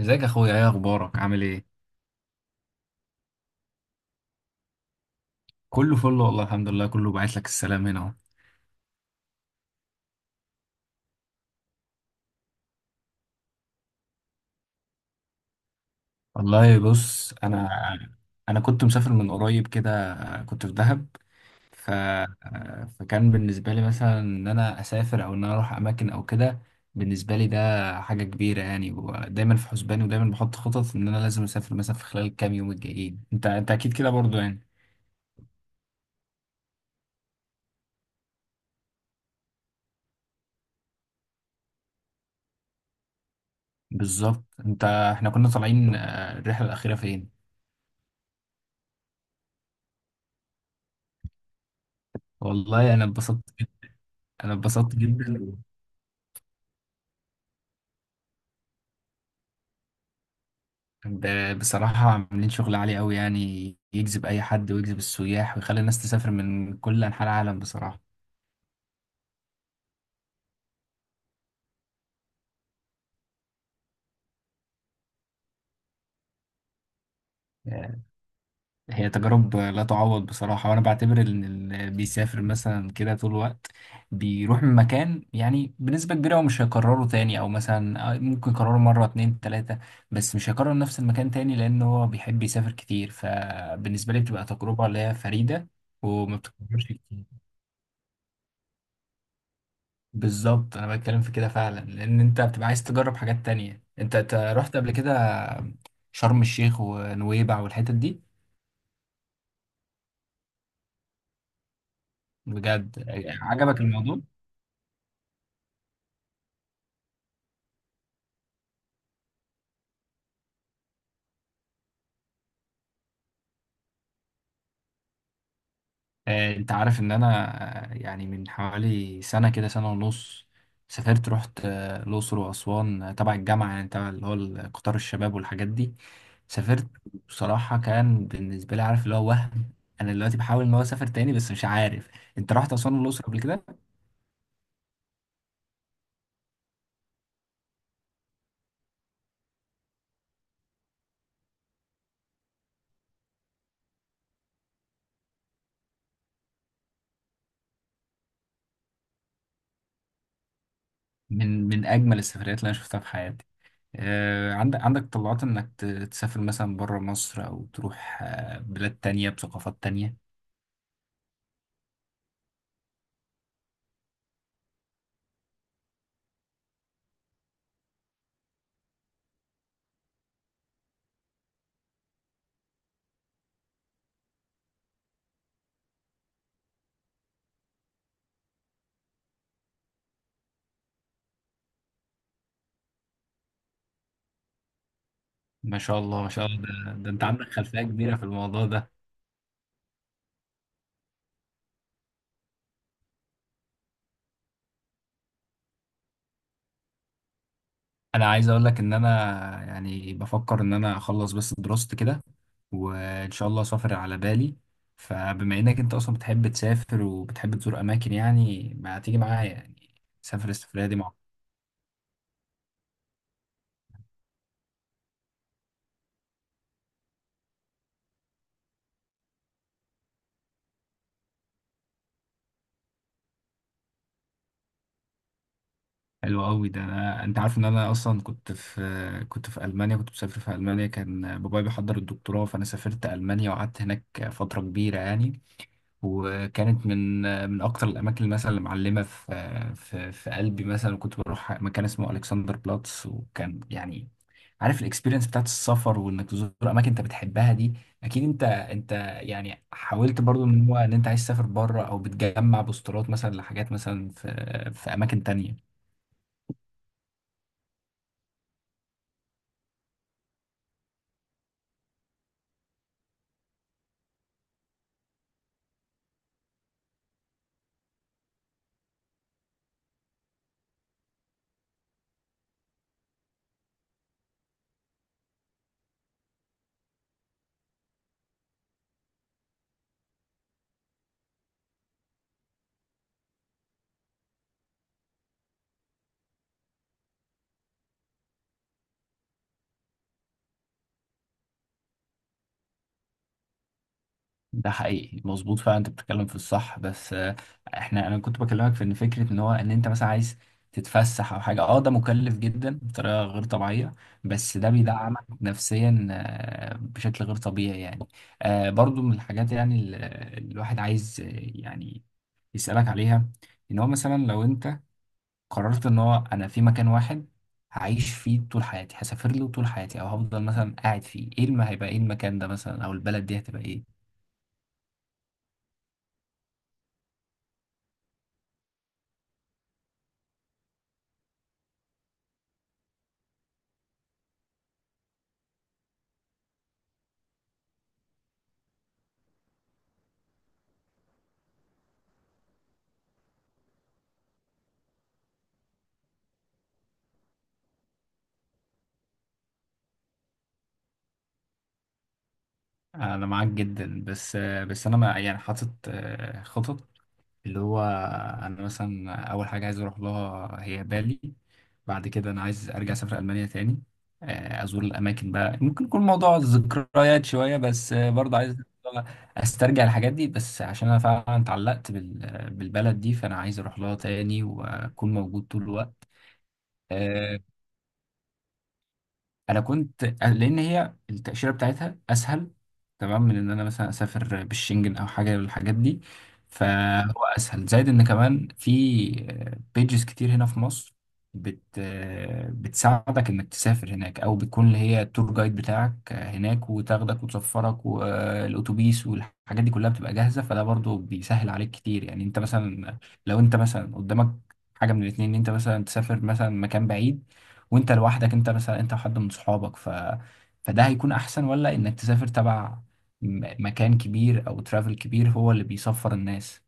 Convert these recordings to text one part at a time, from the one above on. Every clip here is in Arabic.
ازيك يا اخويا ايه اخبارك عامل ايه؟ كله فل والله الحمد لله كله، بعت لك السلام هنا اهو. والله بص انا كنت مسافر من قريب كده، كنت في دهب ف... فكان بالنسبه لي مثلا ان انا اسافر او ان انا اروح اماكن او كده. بالنسبه لي ده حاجه كبيره يعني، ودايما في حسباني، ودايما بحط خطط ان انا لازم اسافر مثلا في خلال الكام يوم الجايين. انت اكيد كده برضو يعني. بالظبط. انت احنا كنا طالعين الرحله الاخيره فين؟ والله انا اتبسطت جدا، انا اتبسطت جدا. بصراحة عاملين شغل عالي أوي، يعني يجذب أي حد ويجذب السياح ويخلي الناس تسافر من كل أنحاء العالم بصراحة. آه، هي تجارب لا تعوض بصراحة، وأنا بعتبر إن اللي بيسافر مثلا كده طول الوقت بيروح من مكان، يعني بنسبة كبيرة هو مش هيكرره تاني، أو مثلا ممكن يكرره مرة اتنين تلاتة، بس مش هيكرر نفس المكان تاني، لأن هو بيحب يسافر كتير. فبالنسبة لي بتبقى تجربة اللي هي فريدة وما بتتكررش كتير. بالظبط، انا بتكلم في كده فعلا، لان انت بتبقى عايز تجرب حاجات تانية. انت رحت قبل كده شرم الشيخ ونويبع والحتت دي؟ بجد؟ عجبك الموضوع؟ انت عارف ان انا يعني من حوالي سنة كده، سنة ونص، سافرت رحت الاقصر واسوان، تبع الجامعة، يعني تبع اللي هو قطار الشباب والحاجات دي. سافرت. بصراحة كان بالنسبة لي، عارف اللي هو وهم. انا دلوقتي بحاول ان هو اسافر تاني بس مش عارف. انت رحت اسوان والاقصر قبل كده؟ من من اجمل السفريات اللي انا شفتها في حياتي. عندك عندك طلعات انك تسافر مثلا بره مصر، او تروح بلاد تانية بثقافات تانية؟ ما شاء الله ما شاء الله، ده انت عندك خلفية كبيرة في الموضوع ده. انا عايز اقول لك ان انا يعني بفكر ان انا اخلص بس دراستي كده، وان شاء الله اسافر على بالي. فبما انك انت اصلا بتحب تسافر وبتحب تزور اماكن، يعني ما تيجي معايا يعني، سافر السفرية دي مع. حلو قوي. ده انا، انت عارف ان انا اصلا كنت في المانيا، كنت مسافر في المانيا، كان بابايا بيحضر الدكتوراه، فانا سافرت المانيا وقعدت هناك فتره كبيره يعني. وكانت من من اكتر الاماكن مثلا اللي معلمه في قلبي، مثلا كنت بروح مكان اسمه الكسندر بلاتس، وكان يعني عارف الاكسبيرينس بتاعت السفر، وانك تزور اماكن انت بتحبها دي اكيد. انت يعني حاولت برضو ان هو ان انت عايز تسافر بره او بتجمع بوسترات مثلا لحاجات مثلا في اماكن تانية؟ ده حقيقي، مظبوط فعلا، انت بتتكلم في الصح. بس احنا، انا كنت بكلمك في ان فكره ان هو ان انت مثلا عايز تتفسح او حاجه، اه ده مكلف جدا بطريقه غير طبيعيه، بس ده بيدعمك نفسيا بشكل غير طبيعي يعني. برضو من الحاجات يعني الواحد عايز يعني يسالك عليها، ان هو مثلا لو انت قررت ان هو انا في مكان واحد هعيش فيه طول حياتي، هسافر له طول حياتي، او هفضل مثلا قاعد فيه، ايه هيبقى ايه المكان ده مثلا، او البلد دي هتبقى ايه؟ انا معاك جدا، بس انا ما يعني حاطط خطط. اللي هو انا مثلا اول حاجه عايز اروح لها هي بالي، بعد كده انا عايز ارجع اسافر المانيا تاني، ازور الاماكن بقى، ممكن يكون موضوع ذكريات شويه، بس برضه عايز استرجع الحاجات دي، بس عشان انا فعلا اتعلقت بالبلد دي، فانا عايز اروح لها تاني واكون موجود طول الوقت. آه، انا كنت لان هي التاشيره بتاعتها اسهل، تمام، من ان انا مثلا اسافر بالشنجن او حاجه من الحاجات دي. فهو اسهل، زائد ان كمان في بيجز كتير هنا في مصر بت بتساعدك انك تسافر هناك، او بتكون اللي هي التور جايد بتاعك هناك وتاخدك وتسفرك، والاتوبيس والحاجات دي كلها بتبقى جاهزه، فده برضو بيسهل عليك كتير. يعني انت مثلا، لو انت مثلا قدامك حاجه من الاتنين، ان انت مثلا تسافر مثلا مكان بعيد وانت لوحدك، انت مثلا انت وحد من صحابك، فده هيكون احسن، ولا انك تسافر تبع مكان كبير او ترافل كبير هو اللي بيسفر الناس؟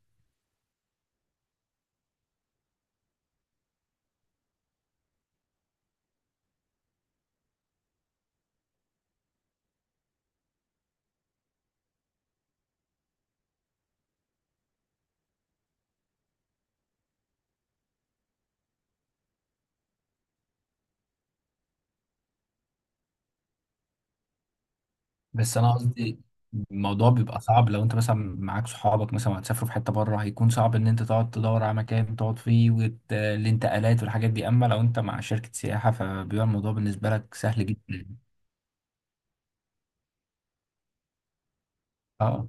بس انا قصدي الموضوع بيبقى صعب لو انت مثلا معاك صحابك مثلا هتسافروا في حتة بره، هيكون صعب ان انت تقعد تدور على مكان تقعد فيه، والانتقالات والحاجات دي. اما لو انت مع شركة سياحة فبيبقى الموضوع بالنسبة لك سهل جدا. اه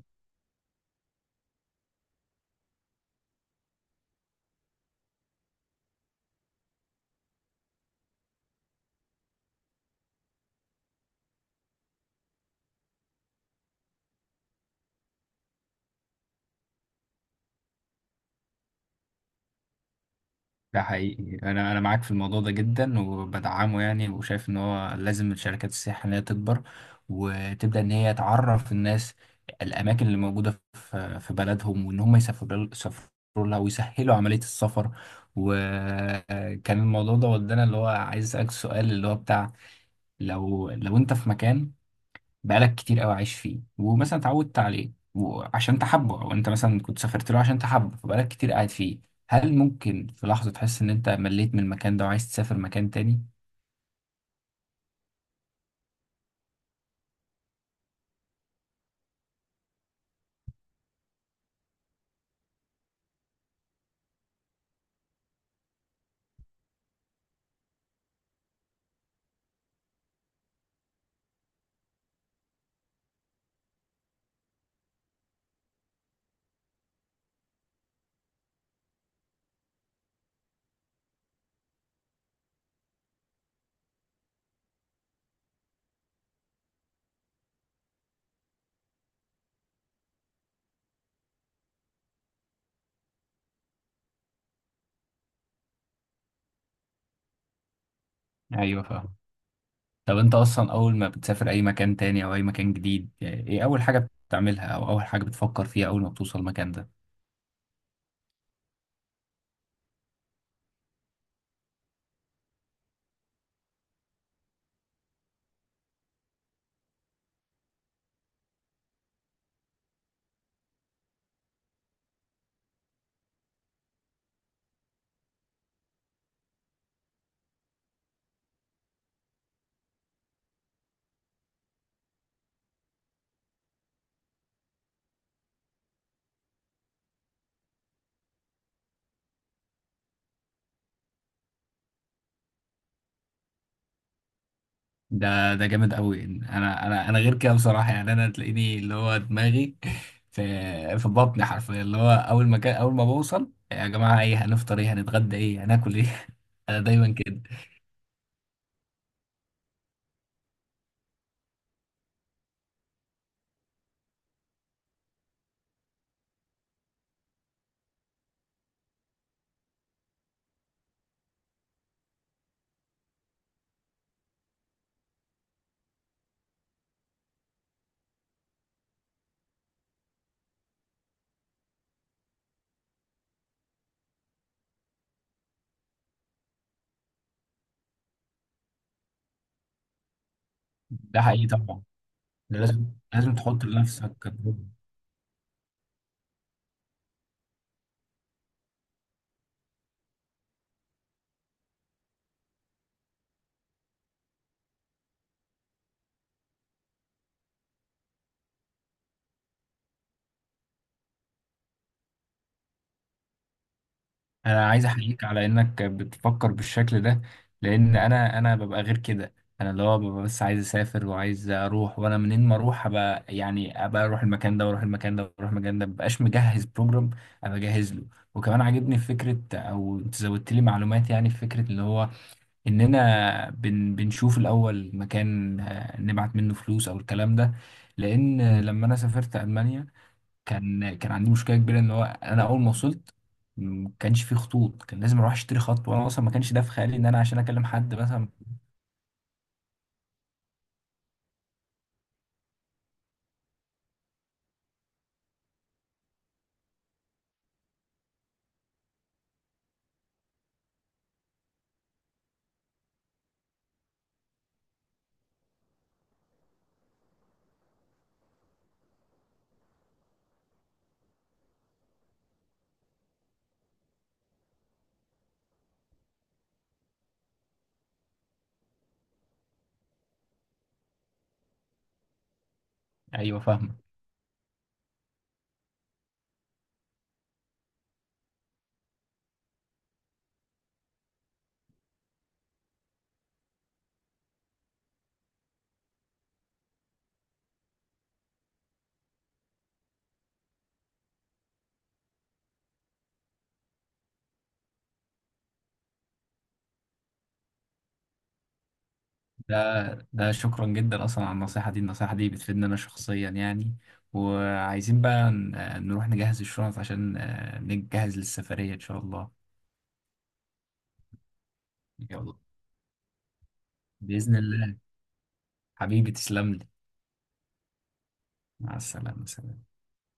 ده حقيقي، انا انا معاك في الموضوع ده جدا وبدعمه يعني، وشايف ان هو لازم الشركات السياحيه ان هي تكبر، وتبدا ان هي تعرف الناس الاماكن اللي موجوده في بلدهم، وان هم يسافروا لها، ويسهلوا عمليه السفر. وكان الموضوع ده ودانا اللي هو عايز اسالك سؤال اللي هو بتاع، لو انت في مكان بقالك كتير قوي عايش فيه، ومثلا اتعودت عليه وعشان تحبه، او انت مثلا كنت سافرت له عشان تحبه فبقالك كتير قاعد فيه، هل ممكن في لحظة تحس ان انت مليت من المكان ده وعايز تسافر مكان تاني؟ ايوه فاهم. طب انت اصلا اول ما بتسافر اي مكان تاني او اي مكان جديد، يعني ايه اول حاجة بتعملها او اول حاجة بتفكر فيها اول ما بتوصل المكان ده؟ ده ده جامد قوي. انا غير كده بصراحه يعني، انا تلاقيني اللي هو دماغي في في بطني حرفيا، اللي هو اول ما كان اول ما بوصل، يا جماعه ايه هنفطر، ايه هنتغدى، ايه هناكل ايه. انا دايما كده. ده حقيقي طبعا، ده لازم. لازم تحط لنفسك. انا عايز احييك على انك بتفكر بالشكل ده، لان انا ببقى غير كده. انا اللي هو ببقى بس عايز اسافر وعايز اروح، وانا منين ما اروح ابقى يعني، ابقى اروح المكان ده واروح المكان ده واروح المكان ده، مبقاش مجهز بروجرام ابقى جاهز له. وكمان عاجبني في فكره، او انت زودت لي معلومات، يعني في فكره اللي هو اننا بنشوف الاول مكان نبعت منه فلوس او الكلام ده. لان لما انا سافرت المانيا، كان عندي مشكله كبيره ان هو انا اول ما وصلت ما كانش فيه خطوط، كان لازم اروح اشتري خط، وانا اصلا ما كانش ده في خيالي ان انا عشان اكلم حد مثلا. ايوه فاهمه. ده ده شكرا جدا اصلا على النصيحه دي، النصيحه دي بتفيدني انا شخصيا يعني. وعايزين بقى نروح نجهز الشنط عشان نجهز للسفريه ان شاء الله. يلا، باذن الله، حبيبي تسلم لي. مع السلامه سلام.